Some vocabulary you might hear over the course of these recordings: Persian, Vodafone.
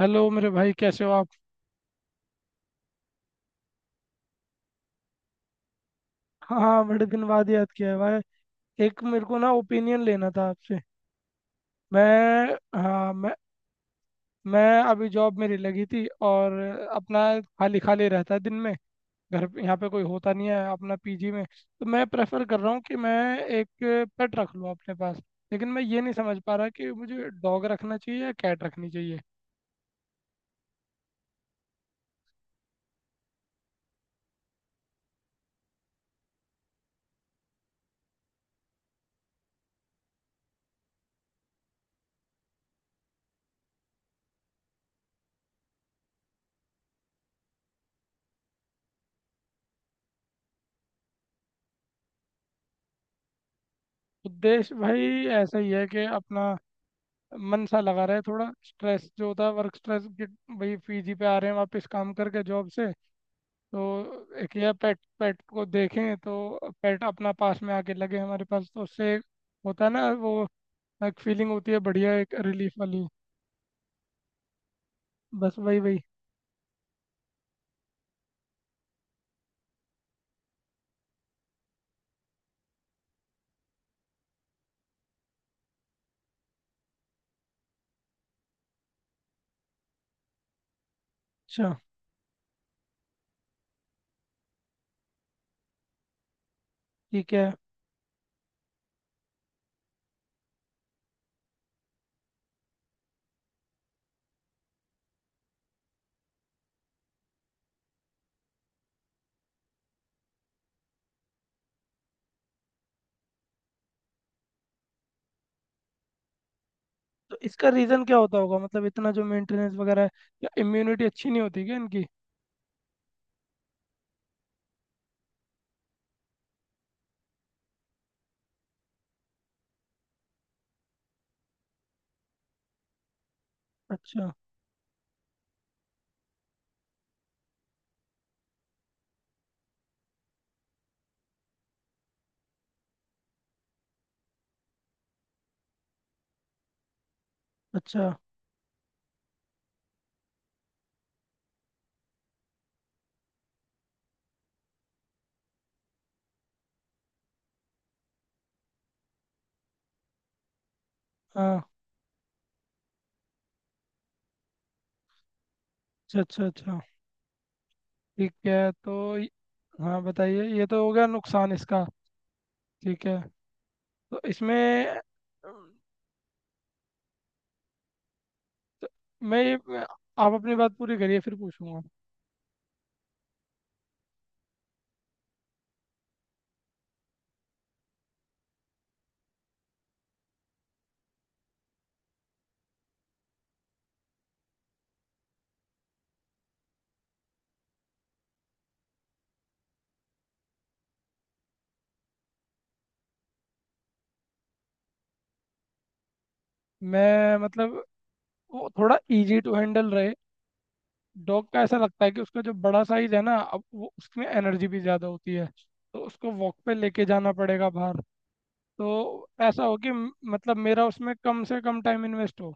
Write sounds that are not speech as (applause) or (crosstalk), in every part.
Hello मेरे भाई कैसे हो आप। हाँ हाँ, बड़े दिन बाद याद किया है भाई। एक मेरे को ना ओपिनियन लेना था आपसे। मैं हाँ मैं अभी जॉब मेरी लगी थी और अपना खाली खाली रहता है दिन में। यहाँ पे कोई होता नहीं है अपना पीजी में, तो मैं प्रेफर कर रहा हूँ कि मैं एक पेट रख लूँ अपने पास। लेकिन मैं ये नहीं समझ पा रहा कि मुझे डॉग रखना चाहिए या कैट रखनी चाहिए। तो देश भाई ऐसा ही है कि अपना मन सा लगा रहे, थोड़ा स्ट्रेस जो होता है वर्क स्ट्रेस, कि भाई फीजी पे आ रहे हैं वापस काम करके जॉब से। तो एक यह पेट पेट को देखें तो, पेट अपना पास में आके लगे हमारे पास तो उससे होता है ना वो, एक फीलिंग होती है बढ़िया, एक रिलीफ वाली। बस वही वही। अच्छा, ठीक है। तो इसका रीज़न क्या होता होगा, मतलब इतना जो मेंटेनेंस वगैरह है, क्या इम्यूनिटी अच्छी नहीं होती क्या इनकी? अच्छा अच्छा। हाँ। अच्छा अच्छा अच्छा, ठीक है। हाँ, बताइए, ये तो हो गया नुकसान इसका। ठीक है, तो इसमें अम, तो मैं ये मैं- आप अपनी बात पूरी करिए फिर पूछूंगा। मैं मतलब वो थोड़ा इजी टू हैंडल रहे। डॉग का ऐसा लगता है कि उसका जो बड़ा साइज है ना, अब वो उसमें एनर्जी भी ज़्यादा होती है, तो उसको वॉक पे लेके जाना पड़ेगा बाहर। तो ऐसा हो कि मतलब मेरा उसमें कम से कम टाइम इन्वेस्ट हो।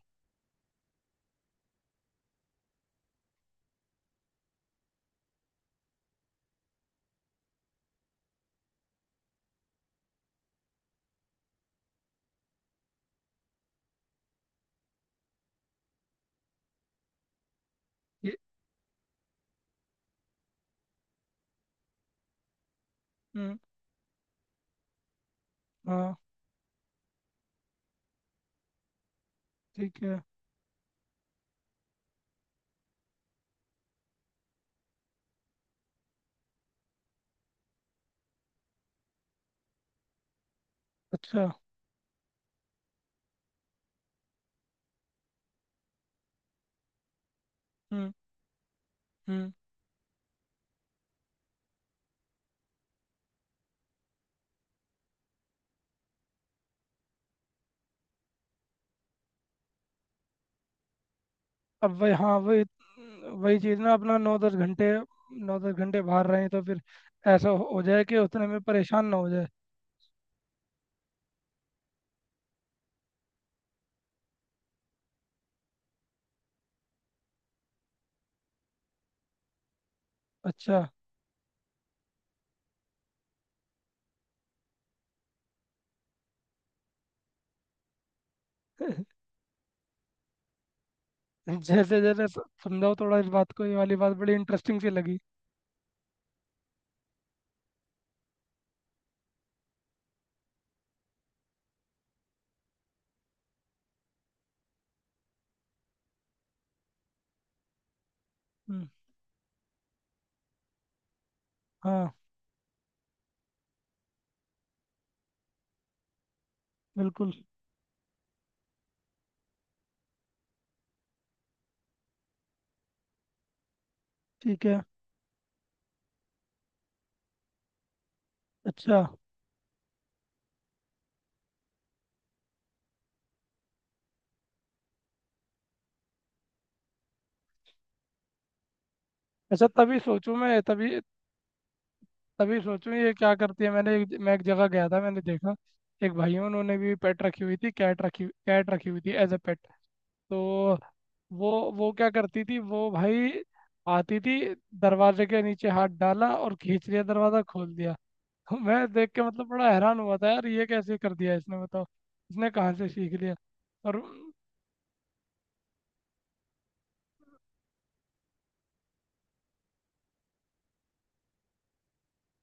ये। हम्म। हाँ, ठीक है। अच्छा। हम्म हम्म। अब वही, हाँ वही। वही चीज़ ना, अपना नौ दस घंटे, नौ दस घंटे बाहर रहे तो फिर ऐसा हो जाए कि उतने में परेशान ना हो जाए। अच्छा। (laughs) जैसे जैसे समझाओ थोड़ा इस बात को, ये वाली बात बड़ी इंटरेस्टिंग सी लगी। हम्म, हाँ, बिल्कुल। ठीक है। अच्छा अच्छा, तभी सोचूं मैं तभी, तभी सोचूं ये क्या करती है। मैं एक जगह गया था, मैंने देखा एक भाई है, उन्होंने भी पेट रखी हुई थी, कैट रखी हुई थी एज अ पेट। तो वो वो क्या करती थी वो भाई, आती थी, दरवाजे के नीचे हाथ डाला और खींच लिया, दरवाजा खोल दिया। (laughs) तो मैं देख के मतलब बड़ा हैरान हुआ था यार, ये कैसे कर दिया इसने, बताओ, इसने कहाँ से सीख लिया। और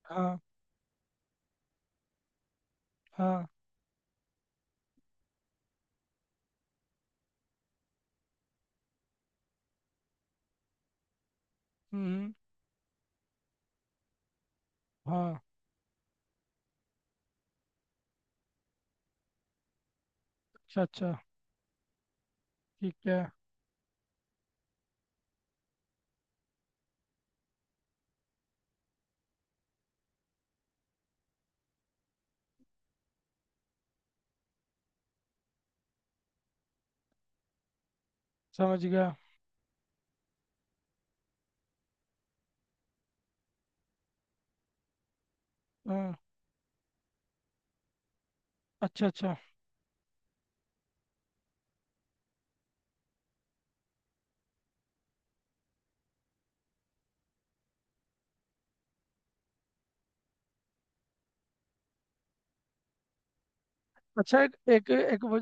हाँ हाँ। हम्म। हाँ। अच्छा अच्छा। ठीक है, समझ गया। हाँ। अच्छा अच्छा अच्छा। एक एक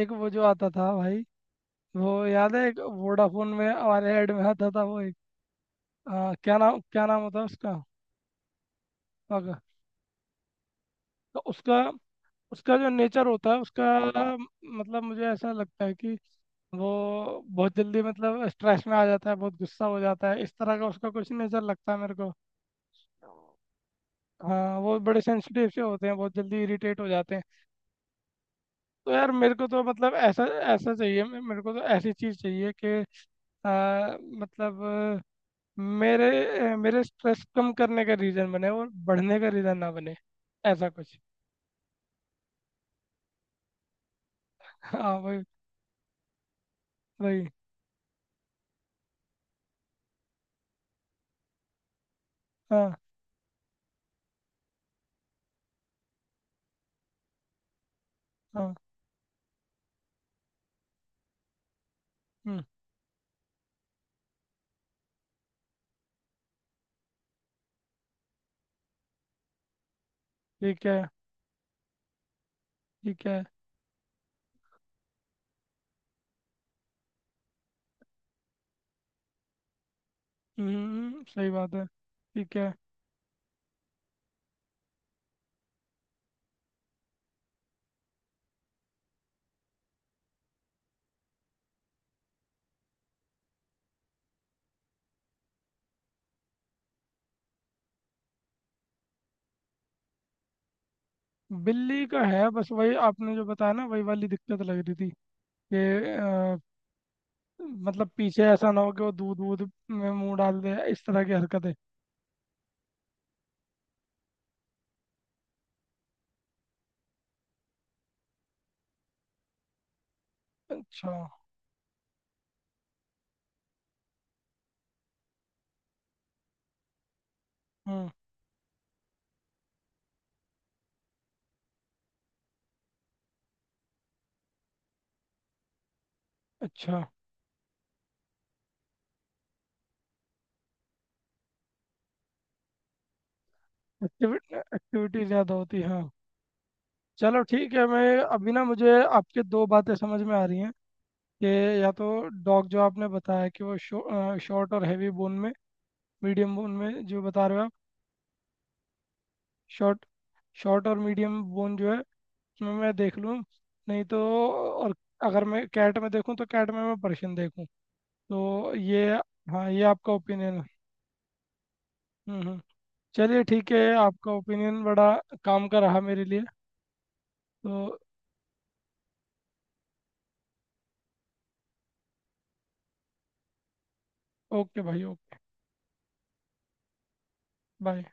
एक वो जो आता था भाई, वो याद है एक वोडाफोन में हमारे ऐड में आता था वो, एक क्या नाम, क्या नाम होता है उसका। तो उसका, उसका जो नेचर होता है उसका, मतलब मुझे ऐसा लगता है कि वो बहुत जल्दी मतलब स्ट्रेस में आ जाता है, बहुत गुस्सा हो जाता है, इस तरह का उसका कुछ नेचर लगता है मेरे को। हाँ वो बड़े सेंसिटिव से होते हैं, बहुत जल्दी इरिटेट हो जाते हैं। तो यार मेरे को तो मतलब ऐसा, ऐसा चाहिए मेरे को तो ऐसी चीज़ चाहिए कि मतलब मेरे मेरे स्ट्रेस कम करने का रीज़न बने और बढ़ने का रीज़न ना बने। ऐसा कुछ। हाँ वही, वही। हाँ हाँ। हम्म, ठीक है, ठीक है। हम्म, सही बात है, ठीक है। बिल्ली का है, बस वही आपने जो बताया ना वही वाली दिक्कत लग रही थी कि अ, मतलब पीछे ऐसा ना हो कि वो दूध वूध में मुंह डाल दे, इस तरह की हरकतें। अच्छा। हम्म। अच्छा। एक्टिविटी, एक्टिविटी ज़्यादा होती है, हाँ। चलो ठीक है, मैं अभी ना, मुझे आपके दो बातें समझ में आ रही हैं कि या तो डॉग जो आपने बताया कि वो शॉर्ट और हैवी बोन में, मीडियम बोन में जो बता रहे हो आप, शॉर्ट, शॉर्ट और मीडियम बोन जो है उसमें मैं देख लूँ। नहीं तो और, अगर मैं कैट में देखूँ तो कैट में मैं पर्शियन देखूँ, तो ये। हाँ ये आपका ओपिनियन है। हम्म हम्म। चलिए ठीक है, आपका ओपिनियन बड़ा काम का रहा मेरे लिए। तो ओके भाई, ओके। बाय।